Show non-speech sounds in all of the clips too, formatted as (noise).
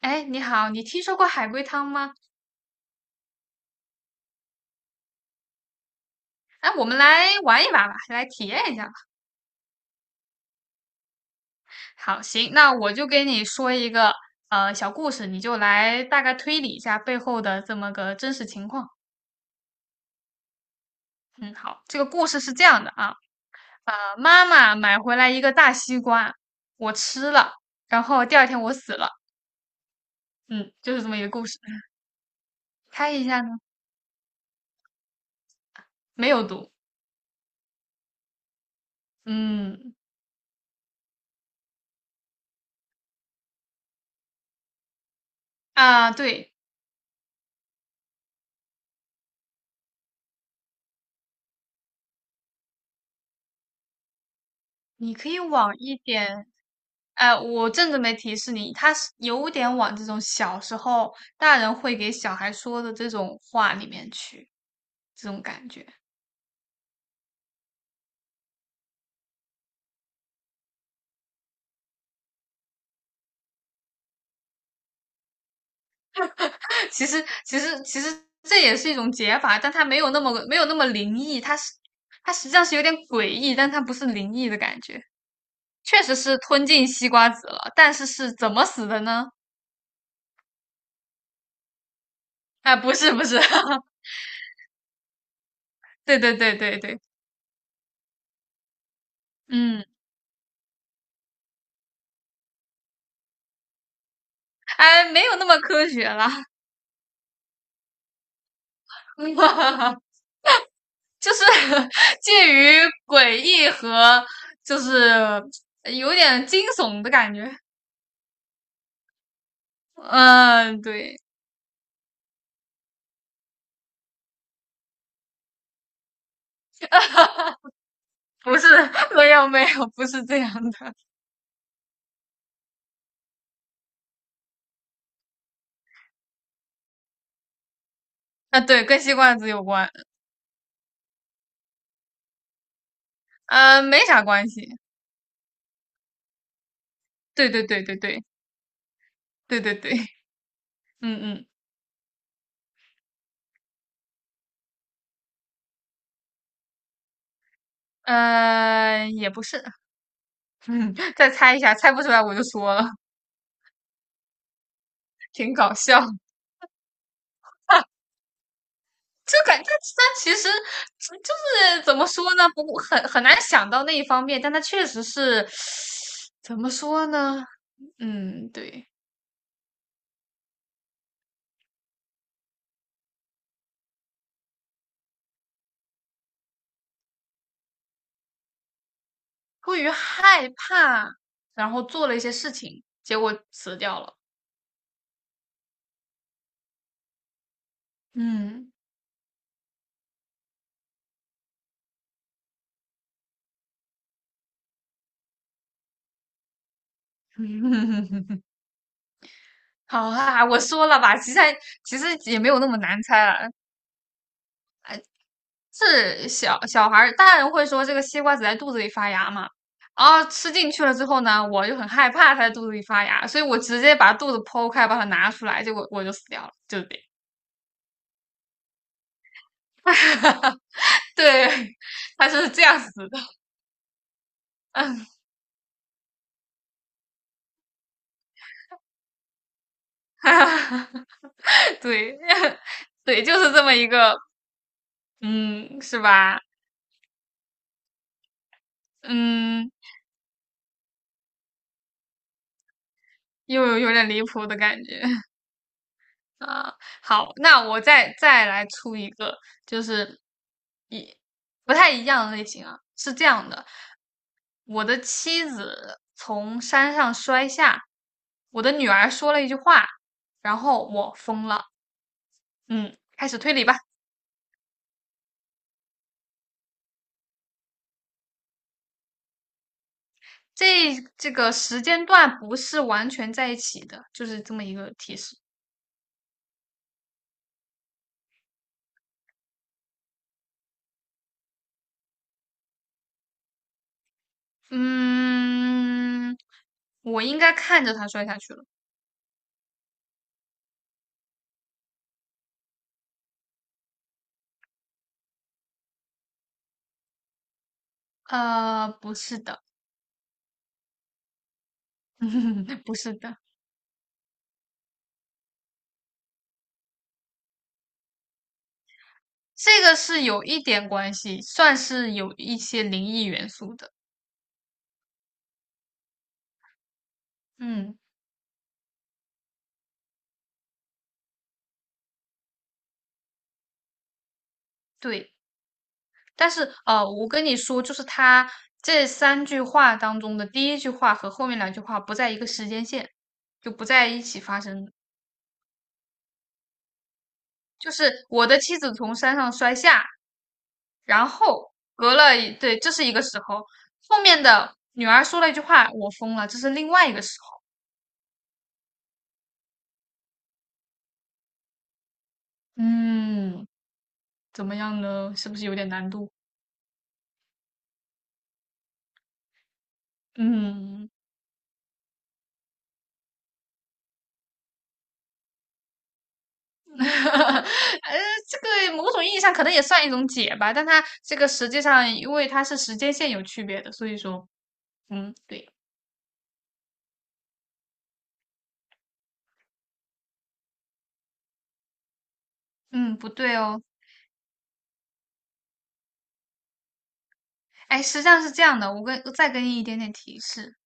哎，你好，你听说过海龟汤吗？哎，我们来玩一把吧，来体验一下吧。好，行，那我就给你说一个小故事，你就来大概推理一下背后的这么个真实情况。嗯，好，这个故事是这样的啊，妈妈买回来一个大西瓜，我吃了，然后第二天我死了。嗯，就是这么一个故事。猜一下呢？没有毒。嗯，啊，对，你可以往一点哎，我正准备提示你，他是有点往这种小时候大人会给小孩说的这种话里面去，这种感觉。(laughs) 其实这也是一种解法，但它没有那么灵异，它是它实际上是有点诡异，但它不是灵异的感觉。确实是吞进西瓜籽了，但是是怎么死的呢？哎，不是，不是，(laughs) 对对对对对，嗯，哎，没有那么科学了。(laughs) 就是 (laughs) 介于诡异和就是有点惊悚的感觉。嗯，对，(laughs) 不是，没有没有，不是这样的。啊，对，跟吸罐子有关，嗯，没啥关系。对对对对对对对对，嗯嗯。呃，也不是，(laughs) 嗯，再猜一下，猜不出来我就说了，挺搞笑。就感觉他其实嗯就是怎么说呢，不很难想到那一方面，但他确实是怎么说呢？嗯，对，过于害怕，然后做了一些事情，结果死掉了。嗯，(laughs) 好啊，我说了吧，其实也没有那么难猜了，是小小孩儿，大人会说这个西瓜只在肚子里发芽嘛，然后吃进去了之后呢，我就很害怕它在肚子里发芽，所以我直接把肚子剖开，把它拿出来，结果我就死掉了，就是这样。(laughs) 对，它是这样死的，(laughs) 对，(laughs) 对，就是这么一个，嗯，是吧？嗯，又有点离谱的感觉。啊，好，那我再来出一个，就是一不太一样的类型啊，是这样的，我的妻子从山上摔下，我的女儿说了一句话，然后我疯了。嗯，开始推理吧。这个时间段不是完全在一起的，就是这么一个提示。嗯，我应该看着他摔下去了。呃，不是的，(laughs) 不是的。这个是有一点关系，算是有一些灵异元素的。嗯，对。但是我跟你说，就是他这三句话当中的第一句话和后面两句话不在一个时间线，就不在一起发生的就是我的妻子从山上摔下，然后隔了一，对，这是一个时候。后面的女儿说了一句话，我疯了，这是另外一个时候。嗯，怎么样呢？是不是有点难度？嗯。(laughs) 呃，这个某种意义上可能也算一种解吧，但它这个实际上，因为它是时间线有区别的，所以说，嗯，对，嗯，不对哦。哎，实际上是这样的，我再给你一点点提示，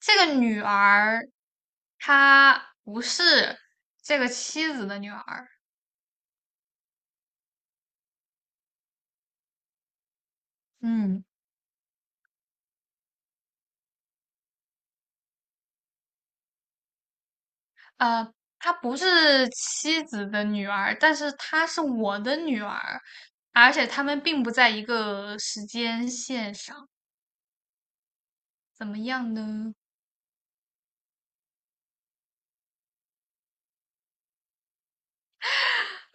这个女儿她不是这个妻子的女儿，嗯，呃，她不是妻子的女儿，但是她是我的女儿，而且她们并不在一个时间线上，怎么样呢？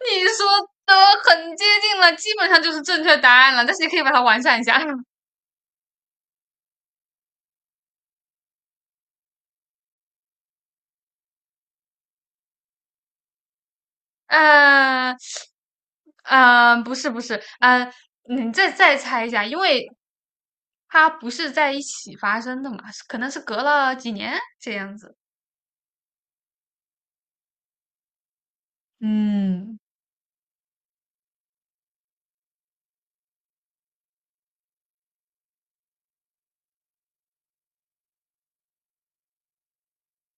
你说的很接近了，基本上就是正确答案了，但是你可以把它完善一下。嗯、(laughs) 呃不是不是，嗯、你再猜一下，因为它不是在一起发生的嘛，可能是隔了几年这样子。嗯，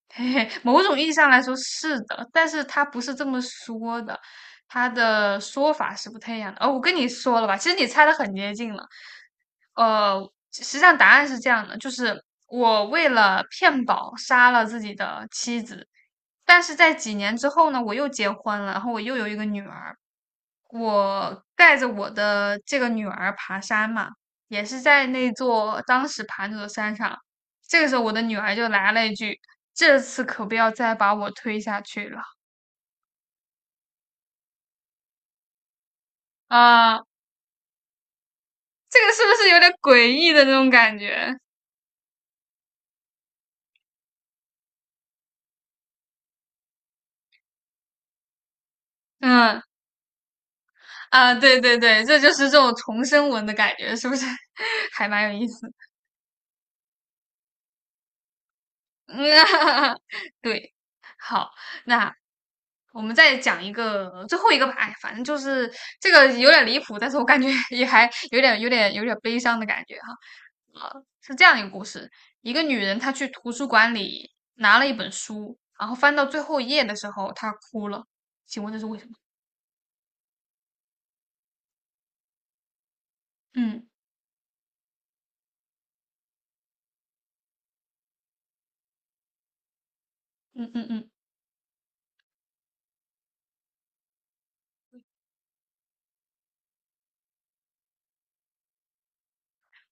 (laughs) 嘿嘿，某种意义上来说是的，但是他不是这么说的，他的说法是不太一样的。哦，我跟你说了吧，其实你猜的很接近了。呃，实际上答案是这样的，就是我为了骗保杀了自己的妻子，但是在几年之后呢，我又结婚了，然后我又有一个女儿。我带着我的这个女儿爬山嘛，也是在那座当时爬那座山上。这个时候，我的女儿就来了一句："这次可不要再把我推下去了啊！"这个是不是有点诡异的那种感觉？嗯啊，对对对，这就是这种重生文的感觉，是不是 (laughs) 还蛮有意思的？(laughs) 对，好，那我们再讲一个最后一个吧。哎，反正就是这个有点离谱，但是我感觉 (laughs) 也还有点、有点、有点悲伤的感觉哈。是这样一个故事：一个女人她去图书馆里拿了一本书，然后翻到最后一页的时候，她哭了。请问这是为什么？嗯嗯嗯嗯。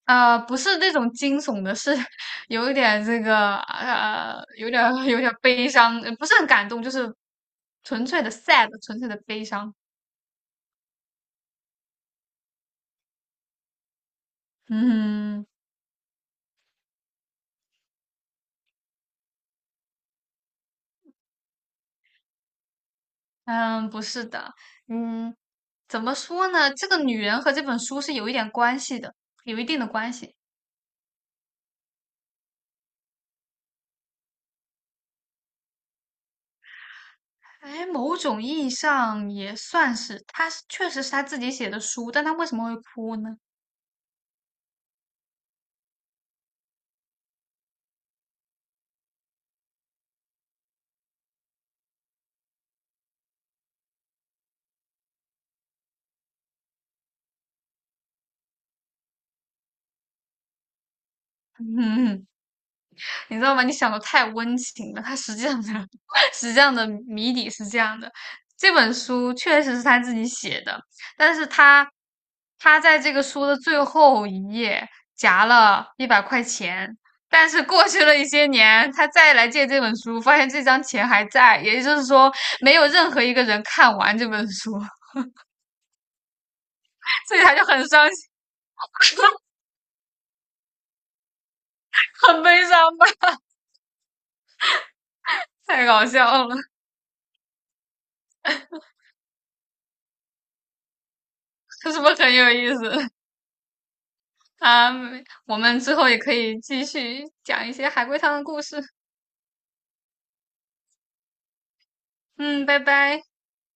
呃，不是那种惊悚的，是 (laughs) 有一点这个有点儿悲伤，不是很感动，就是纯粹的 sad,纯粹的悲伤。嗯嗯，不是的，嗯，怎么说呢？这个女人和这本书是有一点关系的，有一定的关系。哎，某种意义上也算是，确实是她自己写的书，但她为什么会哭呢？(laughs) 嗯你知道吗？你想的太温情了，它实际上的 (laughs) 实际上的谜底是这样的：这本书确实是他自己写的，但是他在这个书的最后一页夹了100块钱，但是过去了一些年，他再来借这本书，发现这张钱还在，也就是说，没有任何一个人看完这本书，(laughs) 所以他就很伤心，(laughs) 很悲伤吧？太搞笑了，(laughs) 是不是很有意思？啊，我们之后也可以继续讲一些海龟汤的故事。嗯，拜拜。